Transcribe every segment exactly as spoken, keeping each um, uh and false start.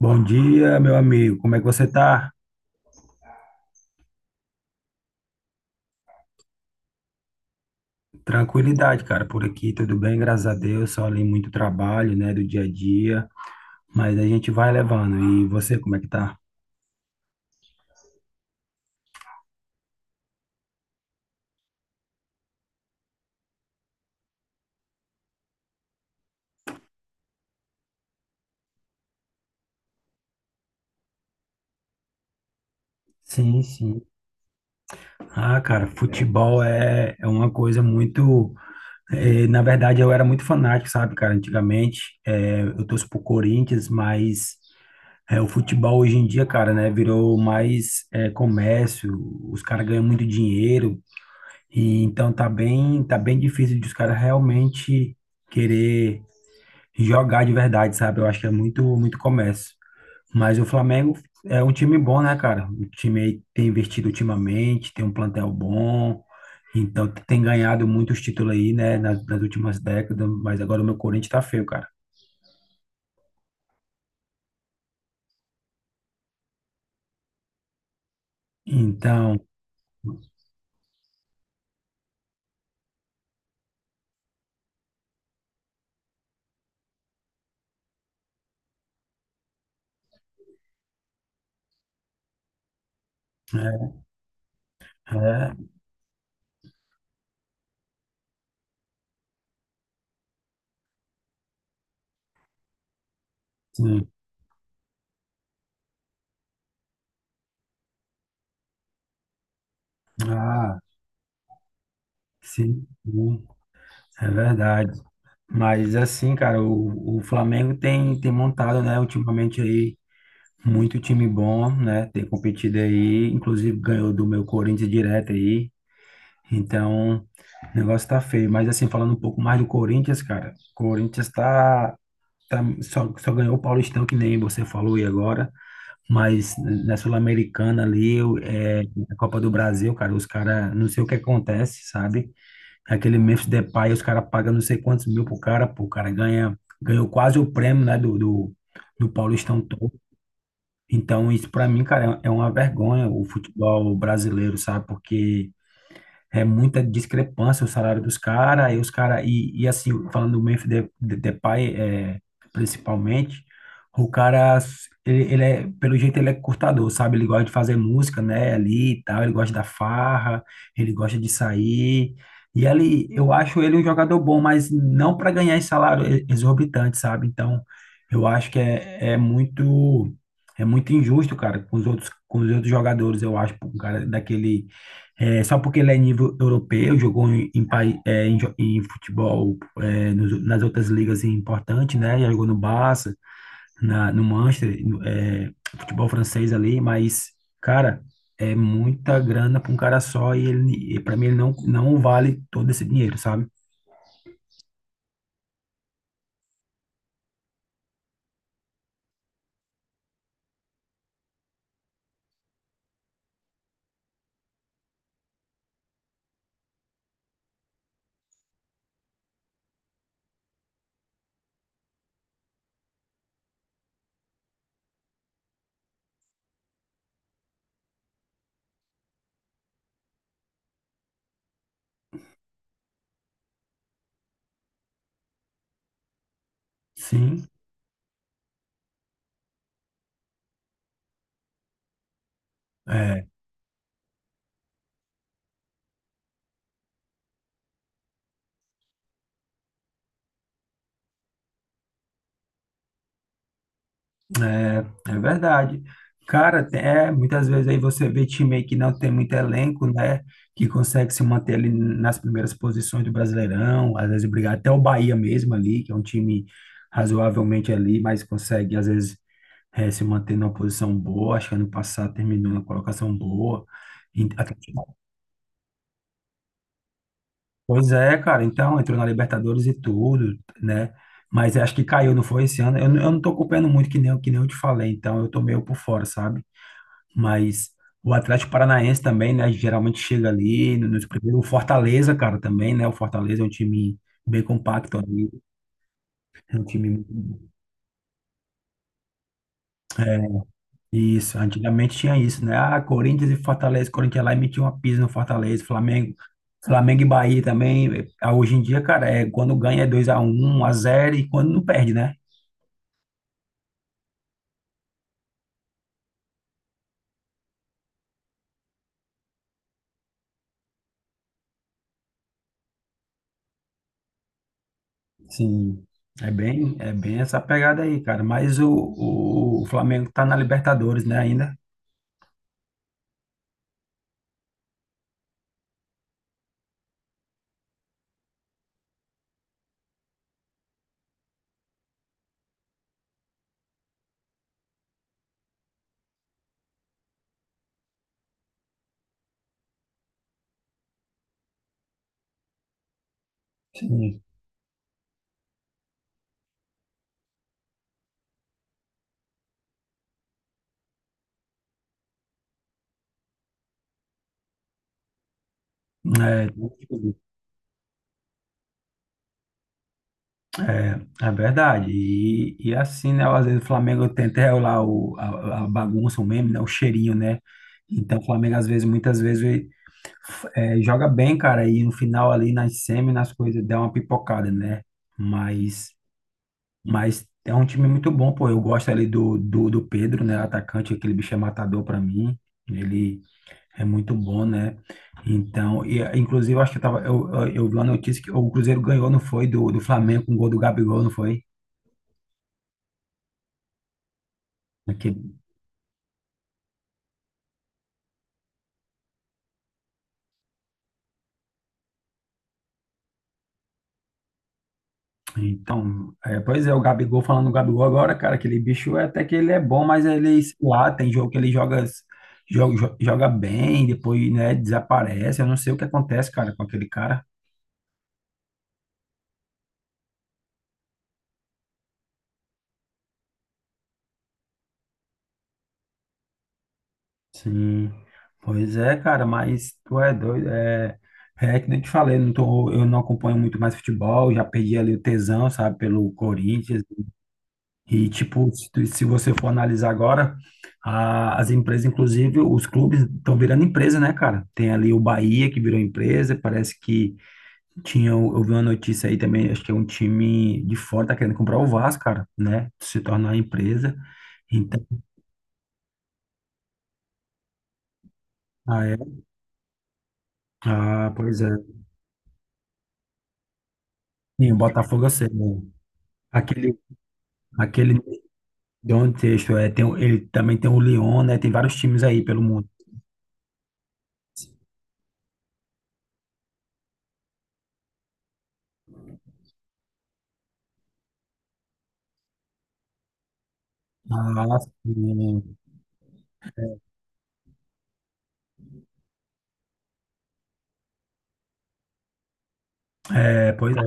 Bom dia, meu amigo. Como é que você tá? Tranquilidade, cara. Por aqui tudo bem, graças a Deus. Só ali muito trabalho, né, do dia a dia, mas a gente vai levando. E você, como é que tá? Sim, sim. Ah, cara, futebol é, é uma coisa muito. eh, na verdade, eu era muito fanático, sabe, cara? Antigamente, eh, eu torço pro Corinthians, mas eh, o futebol hoje em dia, cara, né, virou mais eh, comércio. Os caras ganham muito dinheiro. E então tá bem, tá bem difícil de os caras realmente querer jogar de verdade, sabe? Eu acho que é muito, muito comércio. Mas o Flamengo é um time bom, né, cara? O time aí tem investido ultimamente, tem um plantel bom, então tem ganhado muitos títulos aí, né, nas, nas últimas décadas, mas agora o meu Corinthians tá feio, cara. Então, é, é, sim. Ah, sim, sim, é verdade. Mas assim, cara, o, o Flamengo tem, tem montado, né, ultimamente aí. Muito time bom, né? Tem competido aí, inclusive ganhou do meu Corinthians direto aí. Então, o negócio tá feio. Mas assim, falando um pouco mais do Corinthians, cara, o Corinthians tá, tá só, só ganhou o Paulistão, que nem você falou aí agora. Mas na Sul-Americana ali, eu- é, na Copa do Brasil, cara, os caras, não sei o que acontece, sabe? Aquele Memphis Depay, os caras pagam não sei quantos mil pro cara, pô, o cara ganha, ganhou quase o prêmio, né, do, do, do Paulistão. Então, isso para mim, cara, é é uma vergonha o futebol brasileiro, sabe? Porque é muita discrepância o salário dos caras, e os caras, e, e assim, falando do Memphis De- De- Depay, é, principalmente, o cara, ele, ele é, pelo jeito ele é curtador, sabe? Ele gosta de fazer música, né, ali e tal, ele gosta da farra, ele gosta de sair, e ele, eu acho ele um jogador bom, mas não para ganhar esse salário exorbitante, sabe? Então, eu acho que é, é muito... É muito injusto, cara, com os outros, com os outros jogadores, eu acho, um cara daquele, é, só porque ele é nível europeu, jogou em, em, pai- é, em, jo- em futebol é, nos- nas outras ligas importantes, né? Já jogou no Barça, na, no Manchester, no, é, futebol francês ali, mas, cara, é muita grana para um cara só e ele, para mim, ele não, não vale todo esse dinheiro, sabe? Sim. É. É, é verdade. Cara, tem- é, muitas vezes aí você vê time aí que não tem muito elenco, né? Que consegue se manter ali nas primeiras posições do Brasileirão, às vezes brigar até o Bahia mesmo ali, que é um time razoavelmente ali, mas consegue às vezes, é, se manter numa posição boa. Acho que ano passado terminou na colocação boa. E- Pois é, cara, então entrou na Libertadores e tudo, né? Mas acho que caiu, não foi esse ano. Eu, não- eu não tô acompanhando muito, que nem, eu- que nem eu te falei, então eu tô meio por fora, sabe? Mas o Atlético Paranaense também, né? Geralmente chega ali no- nos primeiros. O Fortaleza, cara, também, né? O Fortaleza é um time bem compacto ali. É um time muito- Isso, antigamente tinha isso, né? Ah, Corinthians e Fortaleza. Corinthians lá e metia uma pisa no Fortaleza. Flamengo. Flamengo e Bahia também. Ah, hoje em dia, cara, é quando ganha é dois a um, um a zero e quando não perde, né? Sim. É bem, é bem essa pegada aí, cara. Mas o, o, o Flamengo tá na Libertadores, né, ainda? Sim. É, É, é verdade. E, e assim, né? Às vezes o Flamengo tenta regular o, a, a bagunça, o meme, né? O cheirinho, né? Então o Flamengo, às vezes, muitas vezes, ele, é, joga bem, cara, e no final ali nas semi, nas coisas, dá uma pipocada, né? Mas, mas é um time muito bom, pô. Eu gosto ali do, do, do Pedro, né? Atacante, aquele bicho é matador pra mim. Ele é muito bom, né? Então, e, inclusive, eu acho que eu, tava, eu, eu, eu vi uma notícia que o Cruzeiro ganhou, não foi? Do, do Flamengo com o gol do Gabigol, não foi? Aquele- Então, é, pois é, o Gabigol, falando do Gabigol agora, cara, aquele bicho é- até que ele é bom, mas ele, sei lá, tem jogo que ele joga, joga, jo- joga bem, depois, né, desaparece, eu não sei o que acontece, cara, com aquele cara. Sim, pois é, cara, mas tu é doido, é, é que nem eu te falei, eu não tô, eu não acompanho muito mais futebol, já perdi ali o tesão, sabe, pelo Corinthians. E, tipo, se, tu- se você for analisar agora, a- as empresas, inclusive, os clubes estão virando empresa, né, cara? Tem ali o Bahia que virou empresa, parece que tinha, eu vi uma notícia aí também, acho que é um time de fora, tá querendo comprar o Vasco, cara, né? Se tornar empresa. Então, ah, é. Ah, pois é. Sim, o Botafogo eu sei, né? Aquele, aquele Don Texto, é, tem, o- ele também tem o Lyon, né? Tem vários times aí pelo mundo. Ah, sim. Né? É, pois é.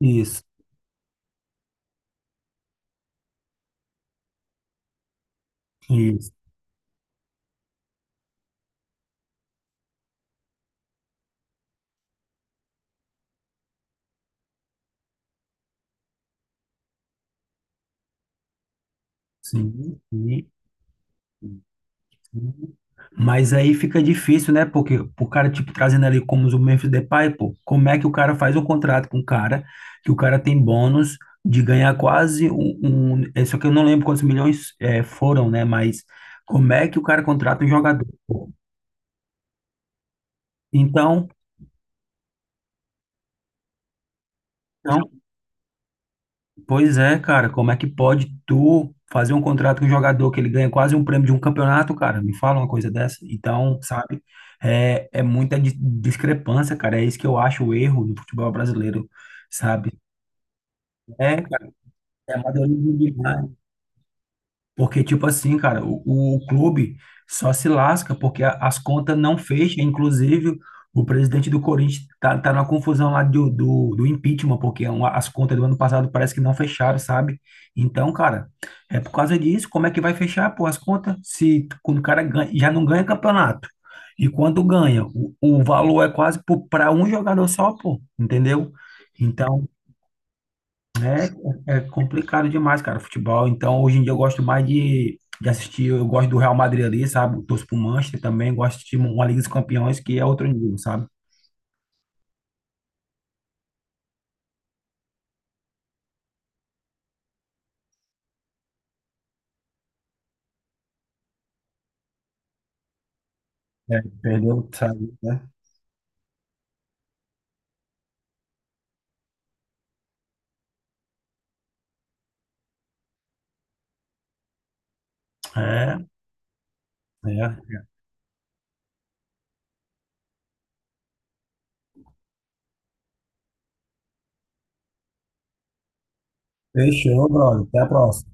Isso. Isso. Sim, sim, sim. Mas aí fica difícil, né? Porque o cara, tipo, trazendo ali como o Memphis Depay, pô, como é que o cara faz um contrato com o cara, que o cara tem bônus de ganhar quase um, um- é, só que eu não lembro quantos milhões é, foram, né? Mas como é que o cara contrata um jogador, pô? Então, então, pois é, cara, como é que pode tu fazer um contrato com um jogador que ele ganha quase um prêmio de um campeonato, cara? Me fala uma coisa dessa. Então, sabe, é, é muita di- discrepância, cara. É isso que eu acho o erro do futebol brasileiro, sabe? É, cara, é amadorismo demais. Porque, tipo assim, cara, o, o clube só se lasca porque a- as contas não fecham. Inclusive, o presidente do Corinthians tá, tá numa confusão lá do, do, do impeachment, porque é uma- as contas do ano passado parece que não fecharam, sabe? Então, cara, é por causa disso. Como é que vai fechar, pô, as contas? Se quando o cara ganha, já não ganha campeonato. E quando ganha, o, o valor é quase para um jogador só, pô, entendeu? Então, né? É, é complicado demais, cara, futebol. Então, hoje em dia eu gosto mais de, de assistir, eu gosto do Real Madrid ali, sabe? Torço pro Manchester também, gosto de assistir uma Liga dos Campeões que é outro nível, sabe? É, perdeu, sabe, né? É, é. Fechou, brother. Até a próxima.